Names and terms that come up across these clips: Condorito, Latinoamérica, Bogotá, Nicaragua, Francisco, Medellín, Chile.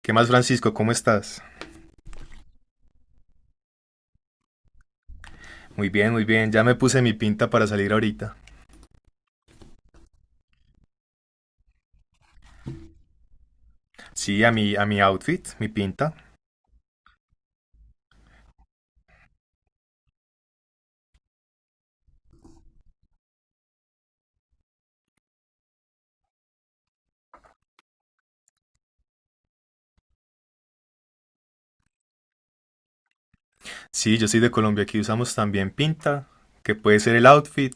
¿Qué más, Francisco? ¿Cómo estás? Muy bien, muy bien. Ya me puse mi pinta para salir ahorita. Sí, a mi outfit, mi pinta. Sí, yo soy de Colombia, aquí usamos también pinta, que puede ser el outfit,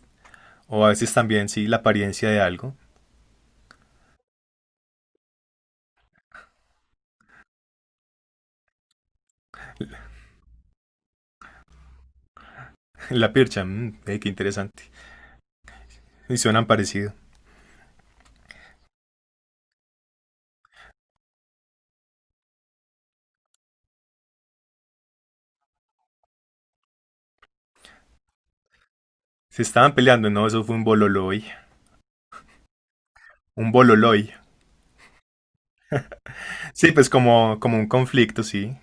o a veces también, sí, la apariencia de algo. La pircha, qué interesante. Y suenan parecido. Se estaban peleando, no, eso fue un bololoy. Un bololoy. Sí, pues como, como un conflicto, sí.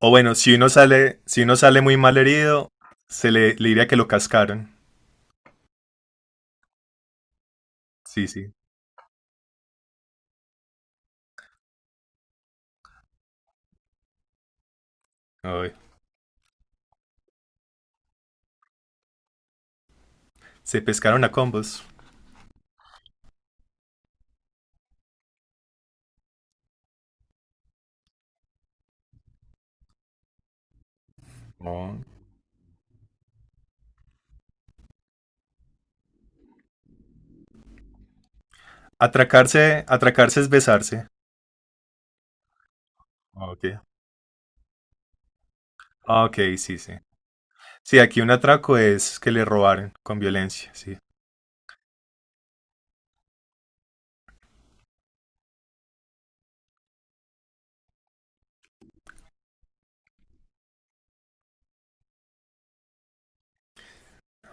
O bueno, si uno sale muy mal herido, le diría que lo cascaron. Sí, sí. Ay, se pescaron a combos. Oh. Atracarse, atracarse es besarse. Ah, ok. Ah, ok, sí, sí. Sí, aquí un atraco es que le robaron con violencia, sí.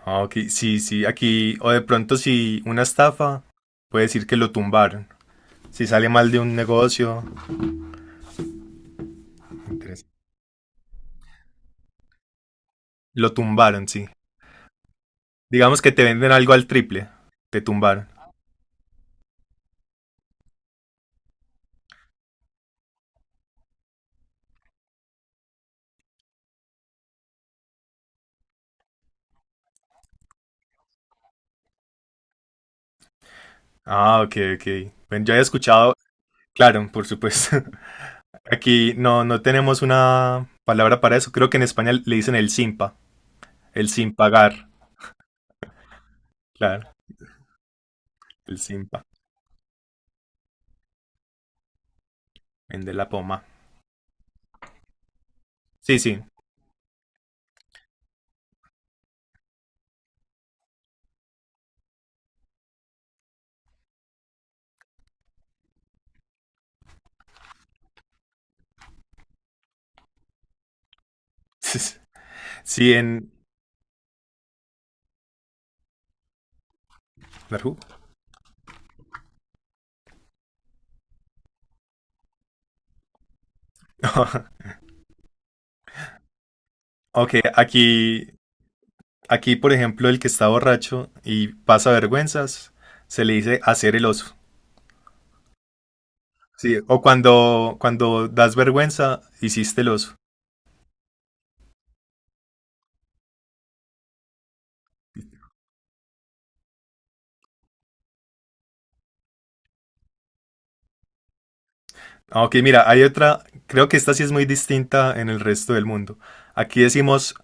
Ah, ok, sí, sí, aquí, o de pronto si una estafa, puede decir que lo tumbaron. Si sale mal de un negocio, interés- lo tumbaron, sí. Digamos que te venden algo al triple, te tumbaron. Ah, ok, ok. Bueno, yo había escuchado, claro, por supuesto. Aquí no, no tenemos una palabra para eso. Creo que en España le dicen el simpa, el sin pagar. Claro, el simpa, vende la poma. Sí, sí. Sí, en... ¿Naru? Ok, aquí, por ejemplo, el que está borracho y pasa vergüenzas, se le dice hacer el oso. Sí, o cuando das vergüenza, hiciste el oso. Ah, ok, mira, hay otra, creo que esta sí es muy distinta en el resto del mundo. Aquí decimos,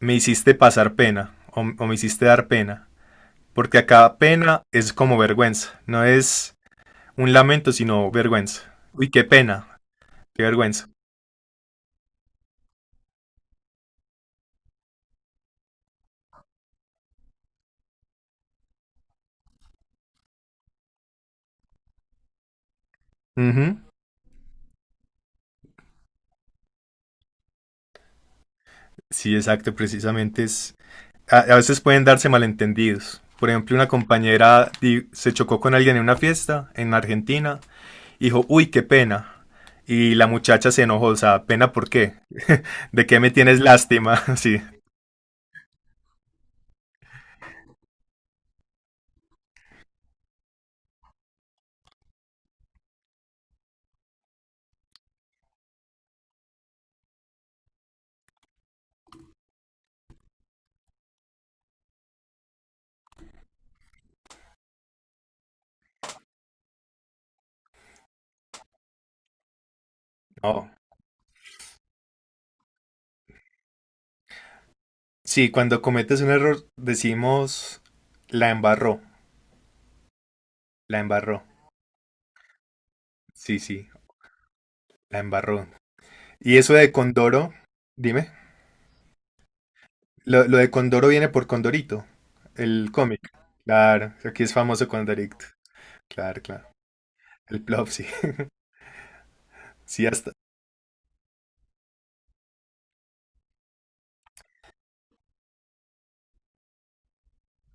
me hiciste pasar pena o, me hiciste dar pena, porque acá pena es como vergüenza, no es un lamento, sino vergüenza. Uy, qué pena, qué vergüenza. Ujú, sí, exacto, precisamente es... A veces pueden darse malentendidos. Por ejemplo, una compañera se chocó con alguien en una fiesta en Argentina, y dijo, uy, qué pena. Y la muchacha se enojó, o sea, ¿pena por qué? ¿De qué me tienes lástima? Sí. No. Sí, cuando cometes un error decimos, la embarró, la embarró. Sí, sí, la embarró. Y eso de condoro, dime. Lo de condoro viene por Condorito, el cómic. Claro, aquí es famoso Condorito. Claro, claro. El plop, sí. Sí, hasta.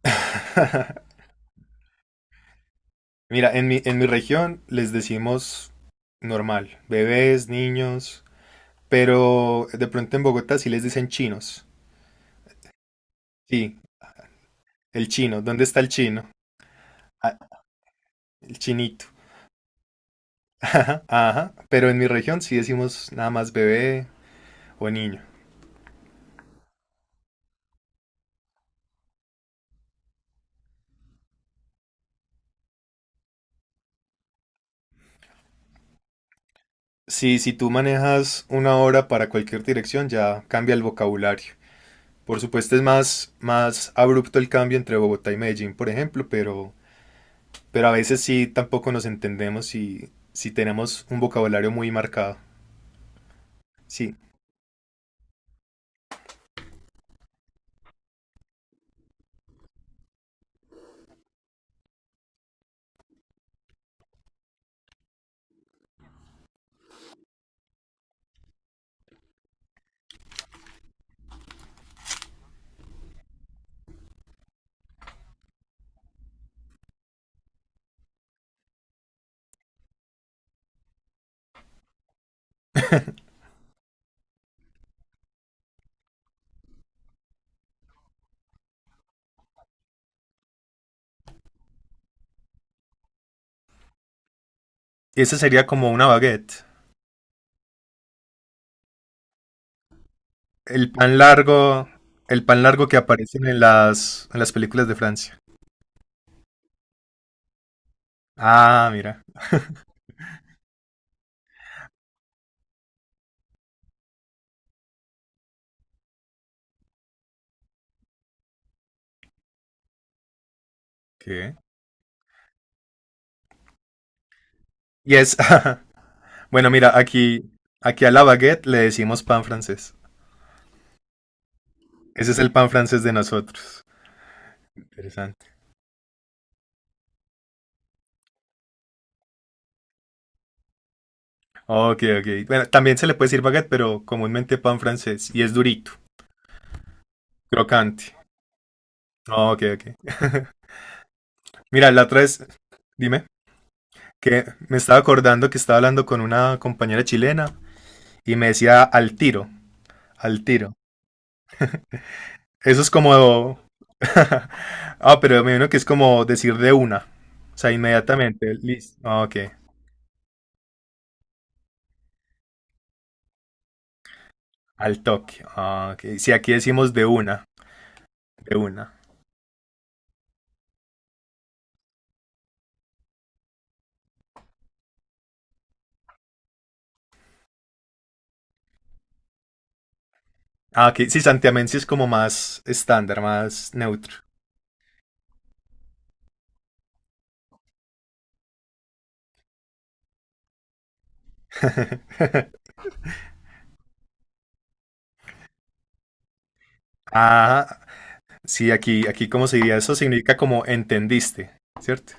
Mira, en mi región les decimos normal, bebés, niños, pero de pronto en Bogotá sí les dicen chinos. Sí, el chino. ¿Dónde está el chino? Ah, el chinito. Ajá, ajá. Pero en mi región sí decimos nada más bebé o niño. Sí, si tú manejas una hora para cualquier dirección, ya cambia el vocabulario. Por supuesto es más, más abrupto el cambio entre Bogotá y Medellín, por ejemplo, pero a veces sí tampoco nos entendemos y si tenemos un vocabulario muy marcado. Sí, esa sería como una baguette. El pan largo, el pan largo que aparece en las películas de Francia. Ah, mira, ¿qué? Y es, bueno, mira, aquí a la baguette le decimos pan francés. Ese es el pan francés de nosotros. Interesante. Ok, ok. Bueno, también se le puede decir baguette, pero comúnmente pan francés y es durito, crocante. Ok, ok. Mira, la otra vez, dime, que me estaba acordando que estaba hablando con una compañera chilena y me decía al tiro, al tiro. Eso es como... Ah, pero me imagino que es como decir de una. O sea, inmediatamente, listo. Ah, ok, al toque. Ah, ok, si aquí decimos de una, de una. Ah, ok, sí, santiamén sí es como más estándar, más neutro. Ah, sí, aquí, ¿cómo se diría? Eso significa como entendiste, ¿cierto?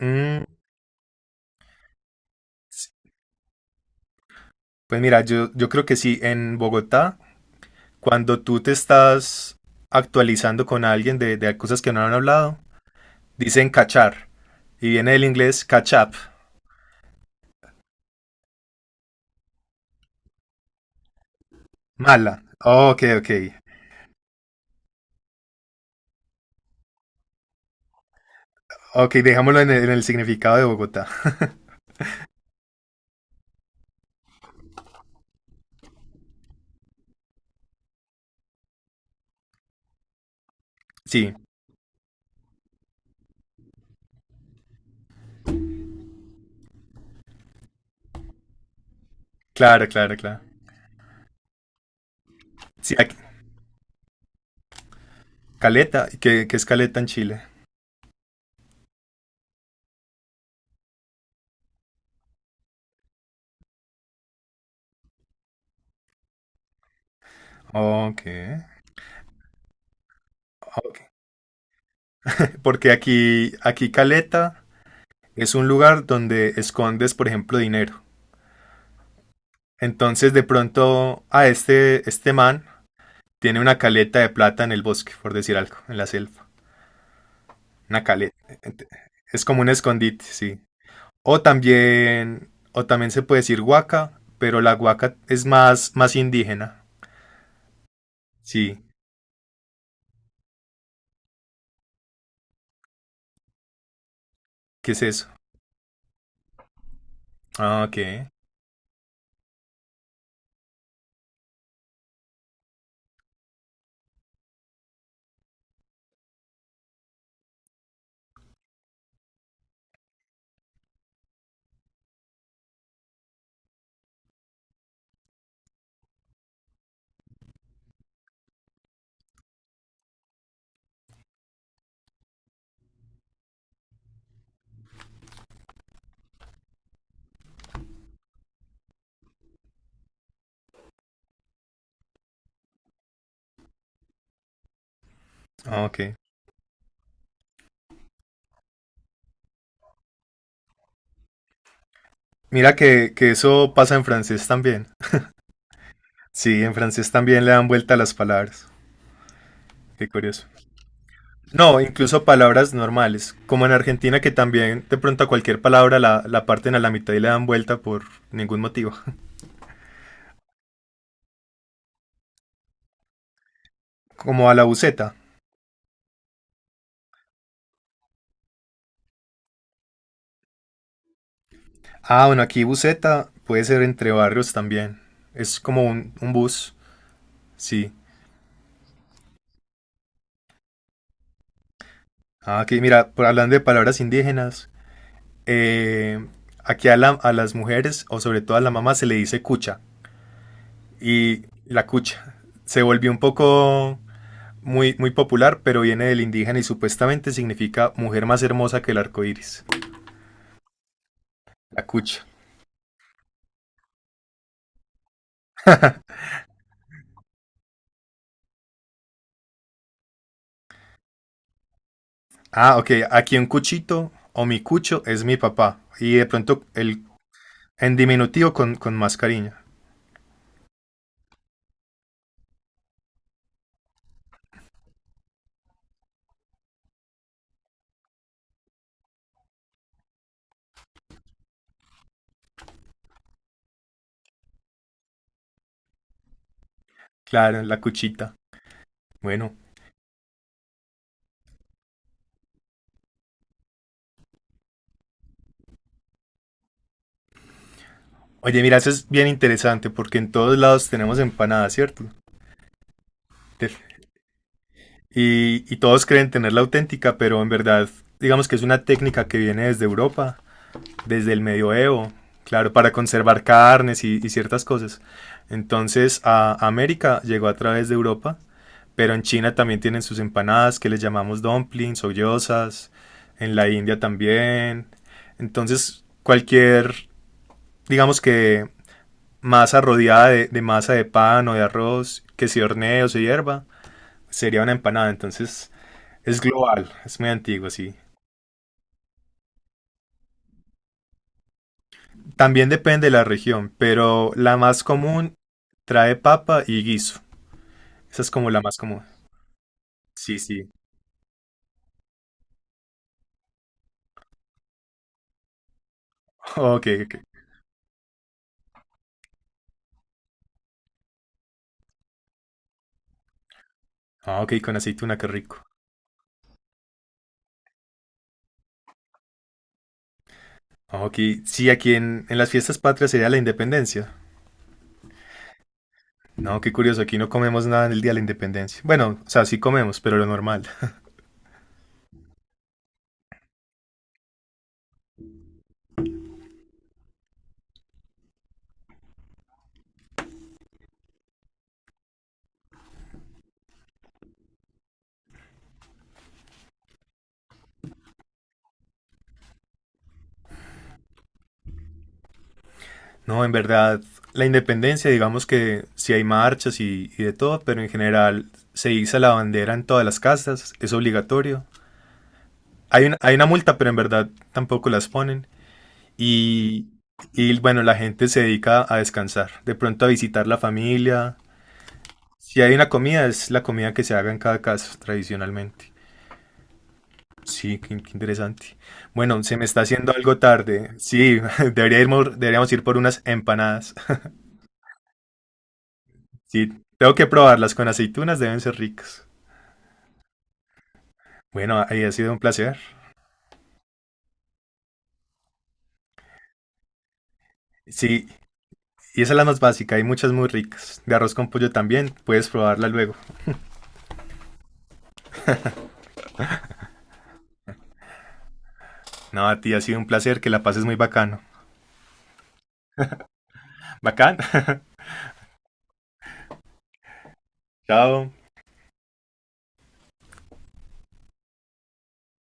Mm, sí. Pues mira, yo creo que sí, en Bogotá, cuando tú te estás actualizando con alguien de cosas que no han hablado, dicen cachar. Y viene del inglés catch up, mala. Ok, ok. Ok, dejámoslo en el significado de Bogotá. Sí, claro, claro, claro. Sí, caleta, ¿qué es caleta en Chile? Ok, ok. Porque aquí caleta es un lugar donde escondes, por ejemplo, dinero. Entonces de pronto a este man tiene una caleta de plata en el bosque, por decir algo, en la selva. Una caleta. Es como un escondite, sí. O también se puede decir huaca, pero la huaca es más, más indígena. Sí, ¿qué es eso? Ah, ok, ah, ok. Mira que eso pasa en francés también. Sí, en francés también le dan vuelta a las palabras. Qué curioso. No, incluso palabras normales, como en Argentina que también de pronto a cualquier palabra la parten a la mitad y le dan vuelta por ningún motivo. Como a la buceta. Ah, bueno, aquí buceta puede ser entre barrios también. Es como un bus, sí. Ah, aquí mira, hablando de palabras indígenas, eh, aquí a las mujeres o sobre todo a la mamá se le dice cucha y la cucha se volvió un poco muy, muy popular, pero viene del indígena y supuestamente significa mujer más hermosa que el arco iris. La cucha. Ah, ok. Aquí un cuchito o mi cucho es mi papá. Y de pronto el en diminutivo con más cariño. Claro, la cuchita. Bueno. Oye, mira, eso es bien interesante porque en todos lados tenemos empanadas, ¿cierto? Te- y todos creen tener la auténtica, pero en verdad, digamos que es una técnica que viene desde Europa desde el medioevo, claro, para conservar carnes y ciertas cosas. Entonces a América llegó a través de Europa, pero en China también tienen sus empanadas que les llamamos dumplings o gyozas, en la India también. Entonces cualquier, digamos que masa rodeada de masa de pan o de arroz que se hornee o se hierva, sería una empanada. Entonces es global, es muy antiguo, sí. También depende de la región, pero la más común trae papa y guiso. Esa es como la más común. Sí, sí. Oh, ok, ok, ok. Ah, ok, con aceituna, qué rico. Ah, ok, sí, aquí en las fiestas patrias sería la independencia. No, qué curioso, aquí no comemos nada en el día de la independencia. Bueno, o sea, sí comemos, pero lo normal. No, en verdad, la independencia, digamos que sí hay marchas y de todo, pero en general se iza la bandera en todas las casas, es obligatorio. Hay una multa, pero en verdad tampoco las ponen. y, y bueno, la gente se dedica a descansar, de pronto a visitar la familia. Si hay una comida, es la comida que se haga en cada casa tradicionalmente. Sí, qué interesante. Bueno, se me está haciendo algo tarde. Sí, deberíamos ir por unas empanadas. Sí, tengo que probarlas con aceitunas, deben ser ricas. Bueno, ahí ha sido un placer. Sí, y esa es la más básica, hay muchas muy ricas. De arroz con pollo también, puedes probarla luego. No, a ti ha sido un placer, que la pases muy bacano. Bacán, chao.